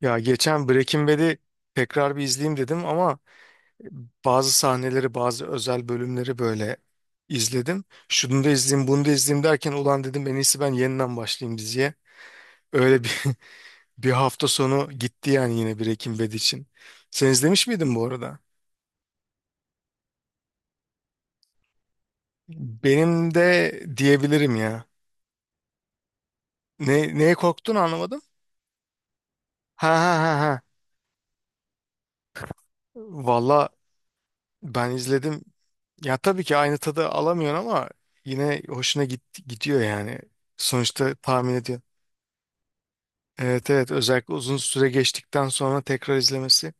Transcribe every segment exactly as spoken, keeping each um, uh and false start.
Ya geçen Breaking Bad'i tekrar bir izleyeyim dedim ama bazı sahneleri, bazı özel bölümleri böyle izledim. Şunu da izleyeyim, bunu da izleyeyim derken ulan dedim en iyisi ben yeniden başlayayım diziye. Öyle bir bir hafta sonu gitti yani, yine Breaking Bad için. Sen izlemiş miydin bu arada? Benim de diyebilirim ya. Ne, neye korktun anlamadım. Ha ha ha ha. Valla, ben izledim. Ya tabii ki aynı tadı alamıyorsun ama yine hoşuna git, gidiyor yani. Sonuçta tahmin ediyor. Evet, evet, özellikle uzun süre geçtikten sonra tekrar izlemesi.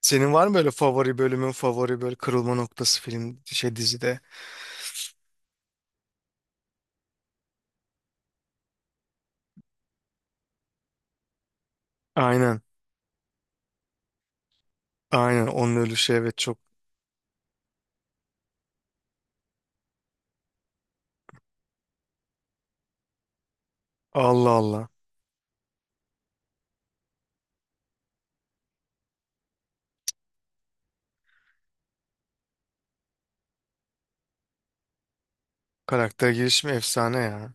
Senin var mı böyle favori bölümün, favori böyle kırılma noktası film şey dizide? Aynen, aynen onun ölüşü, evet, çok. Allah Allah. Karakter gelişimi efsane ya.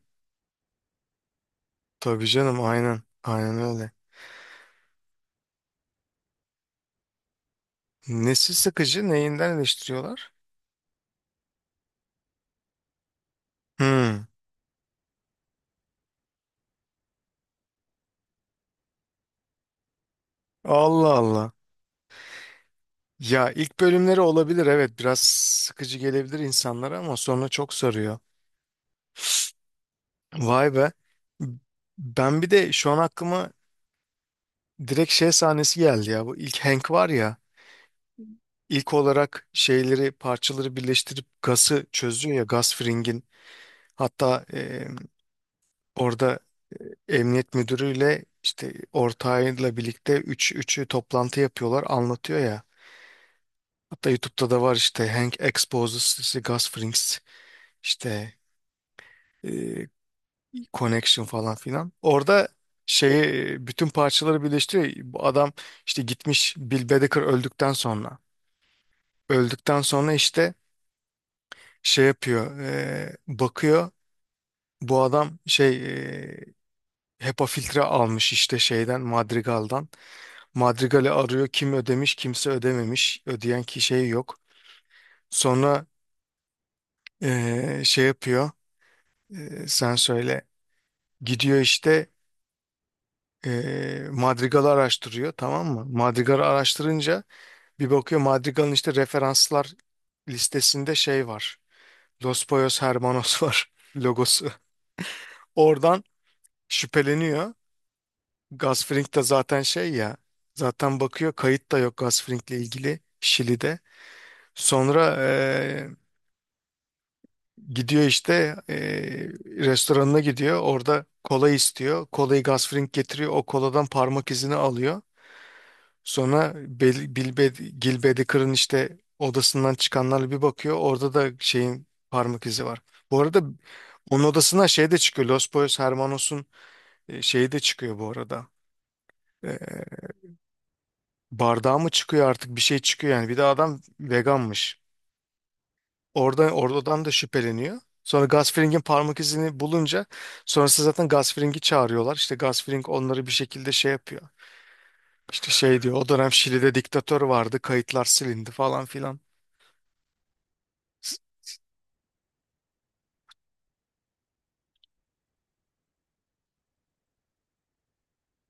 Tabii canım, aynen aynen öyle. Nesi sıkıcı, neyinden eleştiriyorlar? Hmm. Allah Allah. Ya ilk bölümleri olabilir, evet, biraz sıkıcı gelebilir insanlara ama sonra çok sarıyor. Vay be. Ben bir de şu an aklıma direkt şey sahnesi geldi ya. Bu ilk Hank var ya. İlk olarak şeyleri, parçaları birleştirip gazı çözüyor ya, gaz fringin. Hatta e, orada emniyet müdürüyle, işte ortağıyla birlikte üç, üçü toplantı yapıyorlar, anlatıyor ya. Hatta YouTube'da da var işte, Hank exposes the gas frings, işte Connection falan filan. Orada şeyi, bütün parçaları birleştiriyor. Bu adam işte gitmiş Bill Bedecker öldükten sonra. Öldükten sonra işte şey yapıyor. e, bakıyor bu adam şey, e, HEPA filtre almış işte şeyden, Madrigal'dan. Madrigal'i arıyor, kim ödemiş, kimse ödememiş. Ödeyen ki şey yok. Sonra e, şey yapıyor. E, sen söyle. Gidiyor işte, e, Madrigal'ı araştırıyor, tamam mı? Madrigal'ı araştırınca bir bakıyor, Madrigal'ın işte referanslar listesinde şey var. Los Pollos Hermanos var logosu. Oradan şüpheleniyor. Gus Fring de zaten şey ya. Zaten bakıyor, kayıt da yok Gus Fring'le ilgili Şili'de. Sonra eee, gidiyor işte, eee, restoranına gidiyor. Orada kola istiyor. Kolayı Gus Fring getiriyor. O koladan parmak izini alıyor. Sonra Bel- Bilbe, Gil Bedick'in işte odasından çıkanlarla bir bakıyor. Orada da şeyin parmak izi var. Bu arada onun odasına şey de çıkıyor. Los Boys Hermanos'un e, şeyi de çıkıyor bu arada. E, bardağı mı çıkıyor artık, bir şey çıkıyor yani. Bir de adam veganmış. Orada, oradan da şüpheleniyor. Sonra Gasfring'in parmak izini bulunca, sonrası zaten, Gasfring'i çağırıyorlar. İşte Gasfring onları bir şekilde şey yapıyor. İşte şey diyor, o dönem Şili'de diktatör vardı, kayıtlar silindi falan filan.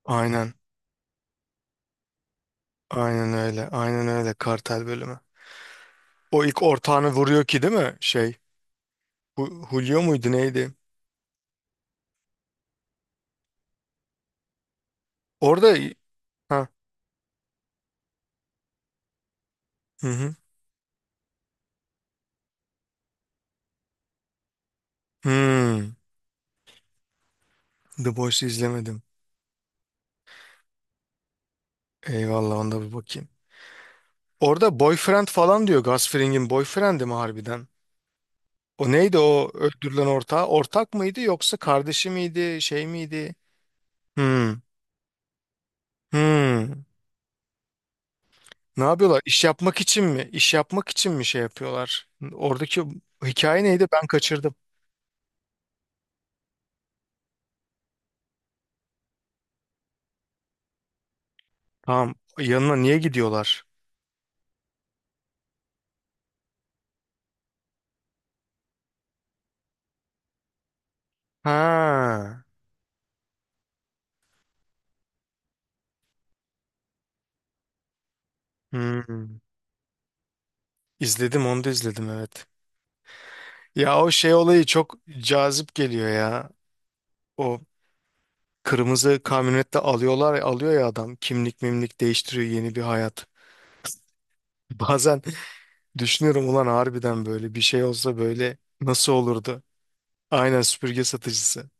Aynen. Aynen öyle. Aynen öyle. Kartel bölümü. O ilk ortağını vuruyor ki, değil mi? Şey. Hu- Julio muydu, neydi? Orada. Ha. Hı hı. Hmm. The Boys'u izlemedim. Eyvallah, onda bir bakayım. Orada boyfriend falan diyor. Gus Fring'in boyfriend'i mi harbiden? O neydi, o öldürülen ortağı? Ortak mıydı, yoksa kardeşi miydi? Şey miydi? Hmm. Hmm. Ne yapıyorlar? İş yapmak için mi? İş yapmak için mi şey yapıyorlar? Oradaki hikaye neydi? Ben kaçırdım. Tamam. Yanına niye gidiyorlar? Ha. Hmm. İzledim, onu da izledim, evet. Ya o şey olayı çok cazip geliyor ya. O kırmızı kamyonette alıyorlar, alıyor ya adam, kimlik mimlik değiştiriyor, yeni bir hayat. Bazen düşünüyorum, ulan harbiden böyle bir şey olsa böyle nasıl olurdu? Aynen, süpürge satıcısı.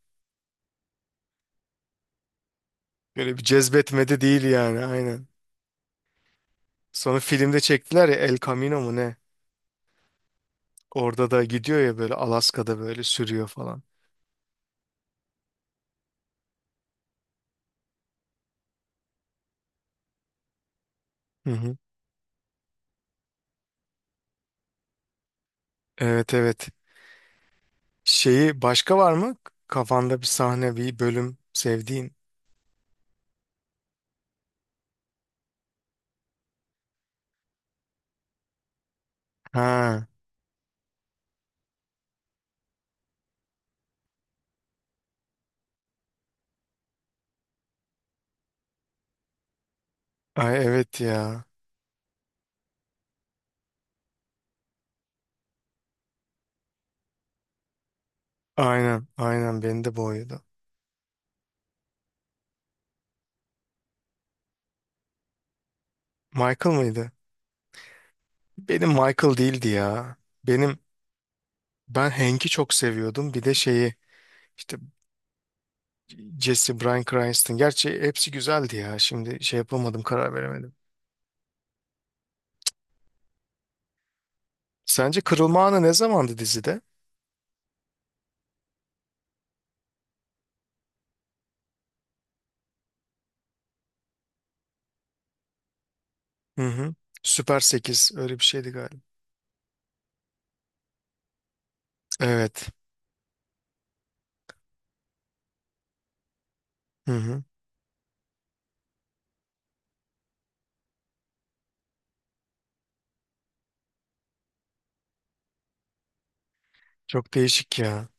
Böyle bir cezbetmedi değil yani, aynen. Sonra filmde çektiler ya, El Camino mu ne? Orada da gidiyor ya, böyle Alaska'da böyle sürüyor falan. Hı hı. Evet, evet. Şeyi başka var mı? Kafanda bir sahne, bir bölüm sevdiğin. Ha, ay evet ya. Aynen, aynen beni de boğuyordu. Michael mıydı? Benim Michael değildi ya. Benim ben Hank'i çok seviyordum. Bir de şeyi, işte Jesse, Bryan Cranston. Gerçi hepsi güzeldi ya. Şimdi şey yapamadım, karar veremedim. Sence kırılma anı ne zamandı dizide? Hı hı. Süper sekiz öyle bir şeydi galiba. Evet. Hı hı. Çok değişik ya.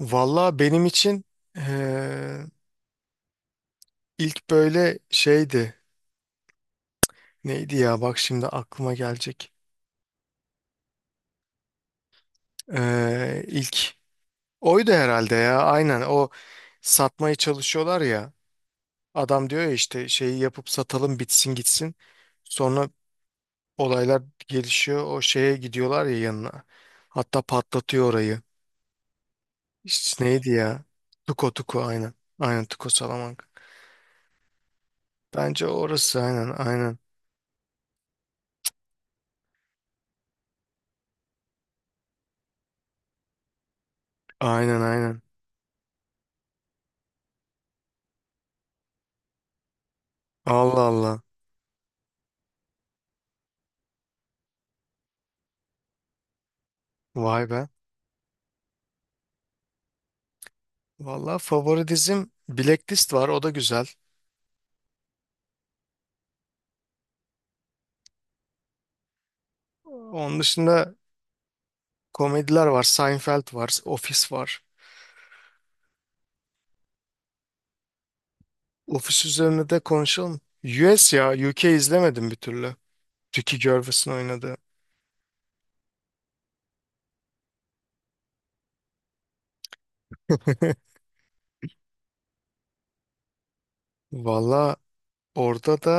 Valla benim için eee, ilk böyle şeydi. Neydi ya, bak şimdi aklıma gelecek. Eee ilk oydu herhalde ya, aynen o satmaya çalışıyorlar ya. Adam diyor ya işte, şeyi yapıp satalım, bitsin gitsin. Sonra olaylar gelişiyor, o şeye gidiyorlar ya, yanına. Hatta patlatıyor orayı. İşte neydi ya? Tuko Tuko, aynen. Aynen, Tuko Salamanca. Bence orası, aynen aynen. Aynen aynen. Allah Allah. Vay be. Valla favori dizim Blacklist var. O da güzel. Onun dışında komediler var. Seinfeld var. Office var. Office üzerine de konuşalım. U S ya. U K izlemedim bir türlü. Ricky Gervais'in oynadığı. Valla orada da,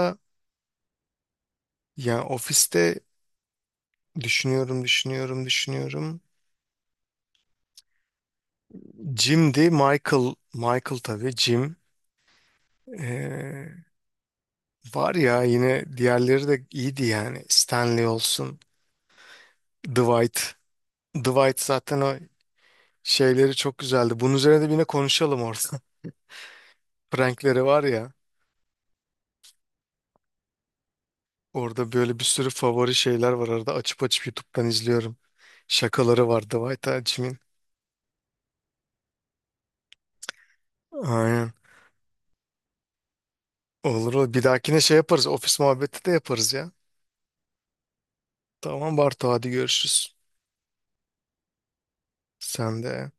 yani ofiste, düşünüyorum, düşünüyorum, düşünüyorum. Jim'di. Michael. Michael tabii. Jim. Ee, var ya, yine diğerleri de iyiydi yani. Stanley olsun. Dwight. Dwight zaten o şeyleri çok güzeldi. Bunun üzerine de yine konuşalım orada. Prankleri var ya. Orada böyle bir sürü favori şeyler var arada. Açıp açıp YouTube'dan izliyorum. Şakaları var Dwight Hachi'nin. Aynen. Olur olur. Bir dahakine şey yaparız. Ofis muhabbeti de yaparız ya. Tamam Bartu, hadi görüşürüz. Sen de.